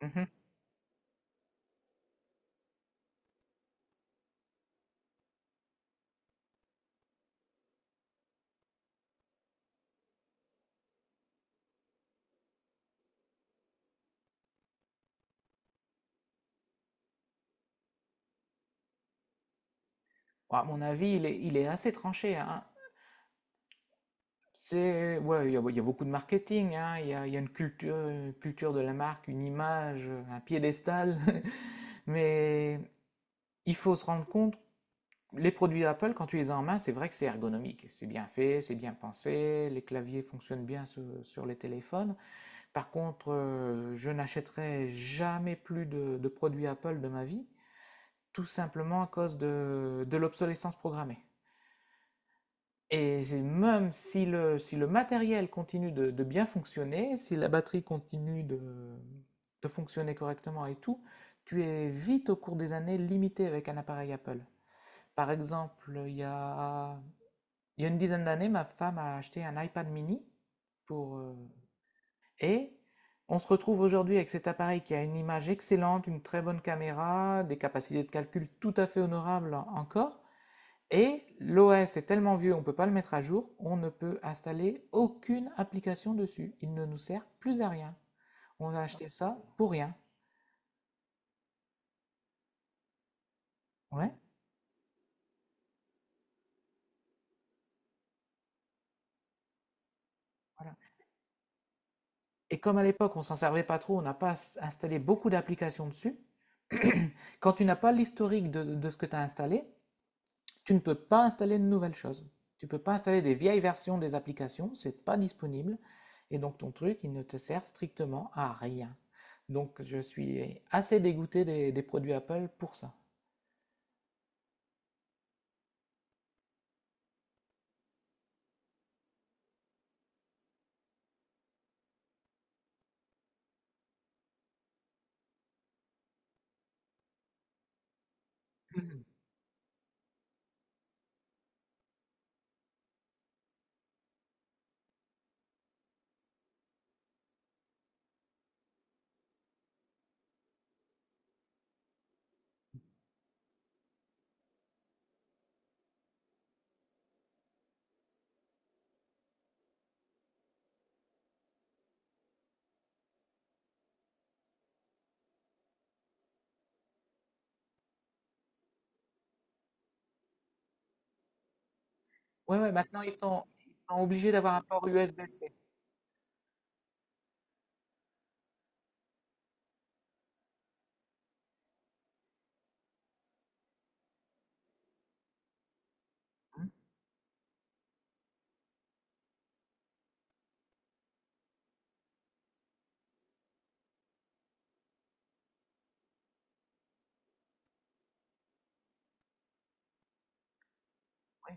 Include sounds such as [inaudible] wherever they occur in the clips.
Mhm. À mon avis, il est assez tranché, hein. Ouais, il y a beaucoup de marketing, hein. Il y a une culture de la marque, une image, un piédestal. [laughs] Mais il faut se rendre compte, les produits Apple, quand tu les as en main, c'est vrai que c'est ergonomique. C'est bien fait, c'est bien pensé, les claviers fonctionnent bien sur les téléphones. Par contre, je n'achèterai jamais plus de produits Apple de ma vie, tout simplement à cause de l'obsolescence programmée. Et c'est même si le matériel continue de bien fonctionner, si la batterie continue de fonctionner correctement et tout, tu es vite, au cours des années, limité avec un appareil Apple. Par exemple, il y a une dizaine d'années, ma femme a acheté un iPad mini pour, heu et on se retrouve aujourd'hui avec cet appareil qui a une image excellente, une très bonne caméra, des capacités de calcul tout à fait honorables encore, et l'OS est tellement vieux, on ne peut pas le mettre à jour, on ne peut installer aucune application dessus. Il ne nous sert plus à rien. On a acheté ça pour rien. Ouais, voilà. Et comme à l'époque, on ne s'en servait pas trop, on n'a pas installé beaucoup d'applications dessus, quand tu n'as pas l'historique de ce que tu as installé, tu ne peux pas installer de nouvelles choses. Tu ne peux pas installer des vieilles versions des applications, c'est pas disponible. Et donc ton truc, il ne te sert strictement à rien. Donc je suis assez dégoûté des produits Apple pour ça. Ouais, ouais, maintenant ils sont obligés d'avoir un port USB-C. Ouais.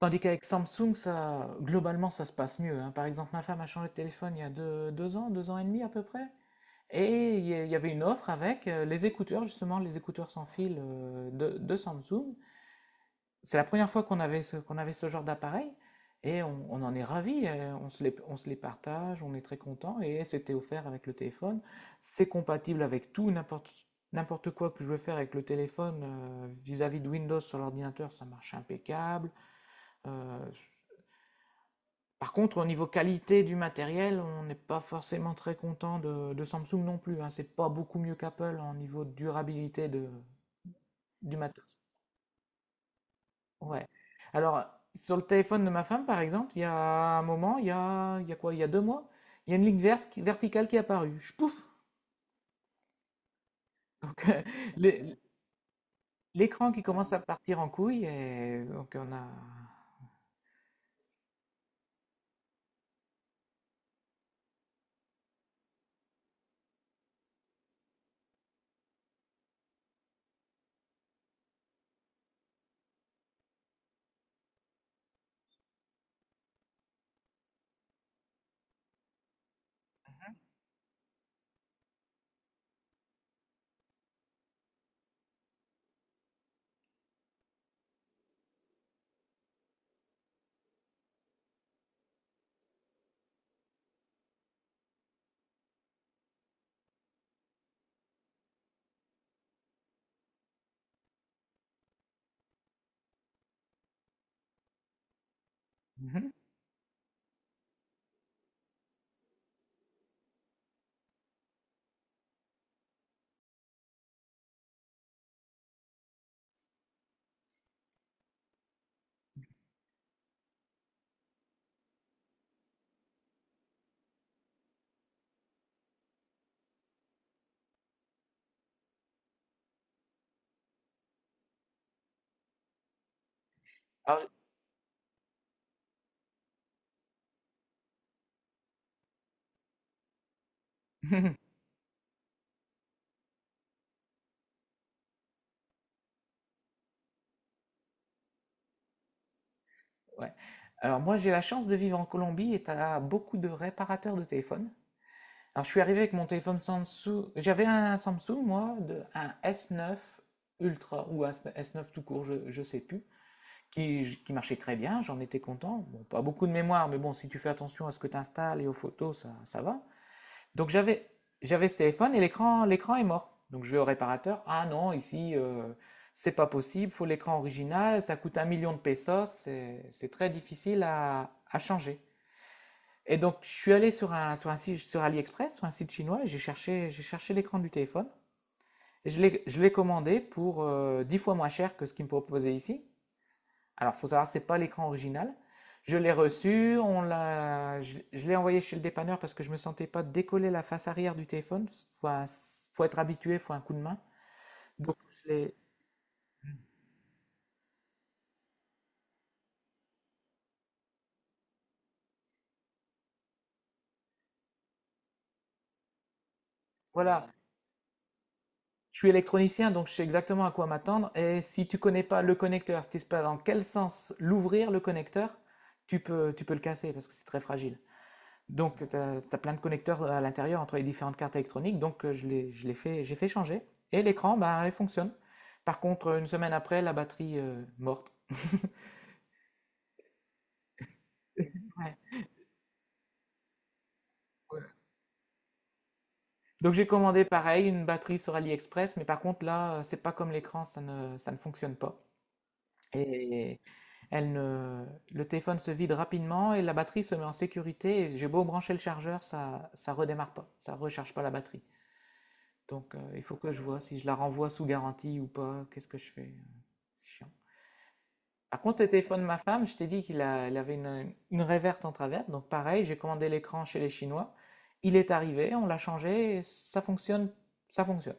Tandis qu'avec Samsung, ça, globalement, ça se passe mieux, hein. Par exemple, ma femme a changé de téléphone il y a deux, 2 ans, 2 ans et demi à peu près. Et il y avait une offre avec les écouteurs, justement, les écouteurs sans fil de Samsung. C'est la première fois qu'on avait ce genre d'appareil, et on en est ravi. On se les partage, on est très content, et c'était offert avec le téléphone. C'est compatible avec tout, n'importe quoi que je veux faire avec le téléphone vis-à-vis de Windows sur l'ordinateur, ça marche impeccable. Euh, Par contre, au niveau qualité du matériel, on n'est pas forcément très content de Samsung non plus, hein. C'est pas beaucoup mieux qu'Apple en niveau de durabilité du matos. Ouais. Alors, sur le téléphone de ma femme, par exemple, il y a un moment, il y a quoi? Il y a 2 mois, il y a une ligne verte verticale qui est apparue. Je pouf! [laughs] Donc, l'é- l'écran qui commence à partir en couille, et donc on a. Mhm. Alors, je- [laughs] ouais. Alors, moi, j'ai la chance de vivre en Colombie, et tu as beaucoup de réparateurs de téléphones. Alors, je suis arrivé avec mon téléphone Samsung. J'avais un Samsung, moi, de, un S9 Ultra ou un S9 tout court, je ne sais plus, qui marchait très bien, j'en étais content. Bon, pas beaucoup de mémoire, mais bon, si tu fais attention à ce que tu installes et aux photos, ça va. Donc j'avais, j'avais ce téléphone et l'écran est mort. Donc je vais au réparateur, ah non, ici, c'est pas possible, il faut l'écran original, ça coûte 1 million de pesos, c'est très difficile à changer. Et donc je suis allé sur un site, sur AliExpress, sur un site chinois, et j'ai cherché l'écran du téléphone. Et je l'ai commandé pour 10 fois moins cher que ce qu'il me proposait ici. Alors, il faut savoir, c'est pas l'écran original. Je l'ai reçu, je l'ai envoyé chez le dépanneur parce que je ne me sentais pas décoller la face arrière du téléphone. Faut être habitué, il faut un coup de main. Donc, je voilà, je suis électronicien, donc je sais exactement à quoi m'attendre. Et si tu ne connais pas le connecteur, si tu ne sais pas dans quel sens l'ouvrir, le connecteur, tu peux le casser parce que c'est très fragile. Donc, tu as plein de connecteurs à l'intérieur entre les différentes cartes électroniques. Donc, je l'ai fait, j'ai fait changer. Et l'écran, bah, il fonctionne. Par contre, une semaine après, la batterie morte. Ouais. Donc, j'ai commandé pareil, une batterie sur AliExpress. Mais par contre, là, c'est pas comme l'écran, ça ne fonctionne pas. Et elle ne- le téléphone se vide rapidement et la batterie se met en sécurité. Et j'ai beau brancher le chargeur, ça redémarre pas, ça recharge pas la batterie. Donc il faut que je vois si je la renvoie sous garantie ou pas. Qu'est-ce que je fais? C'est chiant. Par contre, le téléphone de ma femme, je t'ai dit il avait une réverte en travers. Donc pareil, j'ai commandé l'écran chez les Chinois. Il est arrivé, on l'a changé, et ça fonctionne, ça fonctionne.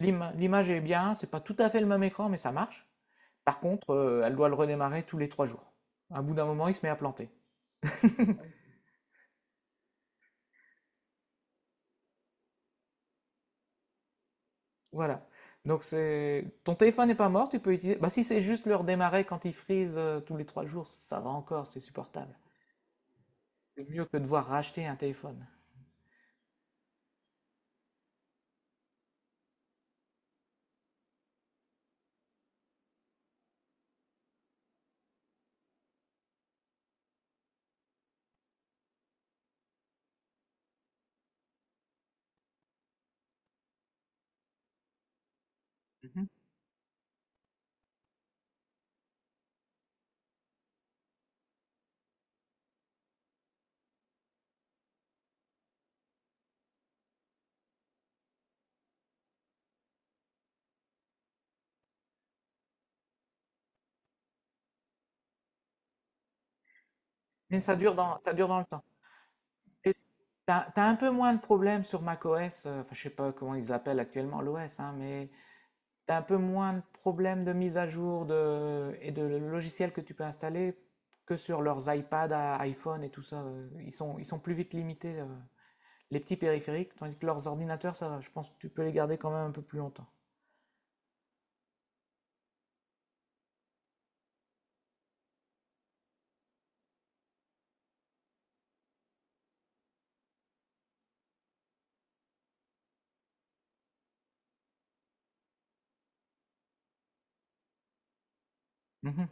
L'image est bien, c'est pas tout à fait le même écran, mais ça marche. Par contre, elle doit le redémarrer tous les 3 jours. À bout d'un moment, il se met à planter. Voilà. Donc c'est, ton téléphone n'est pas mort, tu peux utiliser. Bah si c'est juste le redémarrer quand il freeze tous les 3 jours, ça va encore, c'est supportable. C'est mieux que de devoir racheter un téléphone. Mmh. Mais ça dure dans le temps, et tu as un peu moins de problèmes sur macOS, enfin je sais pas comment ils l'appellent actuellement, l'OS, hein, mais tu as un peu moins de problèmes de mise à jour et de logiciels que tu peux installer que sur leurs iPads, à iPhone et tout ça. Ils sont plus vite limités, les petits périphériques, tandis que leurs ordinateurs, ça, je pense que tu peux les garder quand même un peu plus longtemps. Mhm.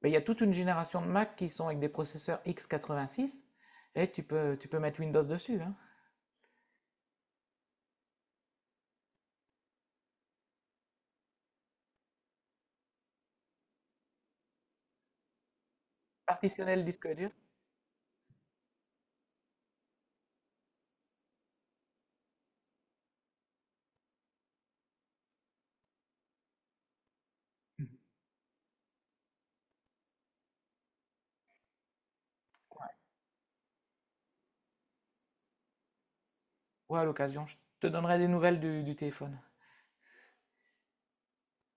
Mais il y a toute une génération de Mac qui sont avec des processeurs x86 et tu peux mettre Windows dessus, hein. Partitionner le disque dur. Ouais, à l'occasion, je te donnerai des nouvelles du téléphone.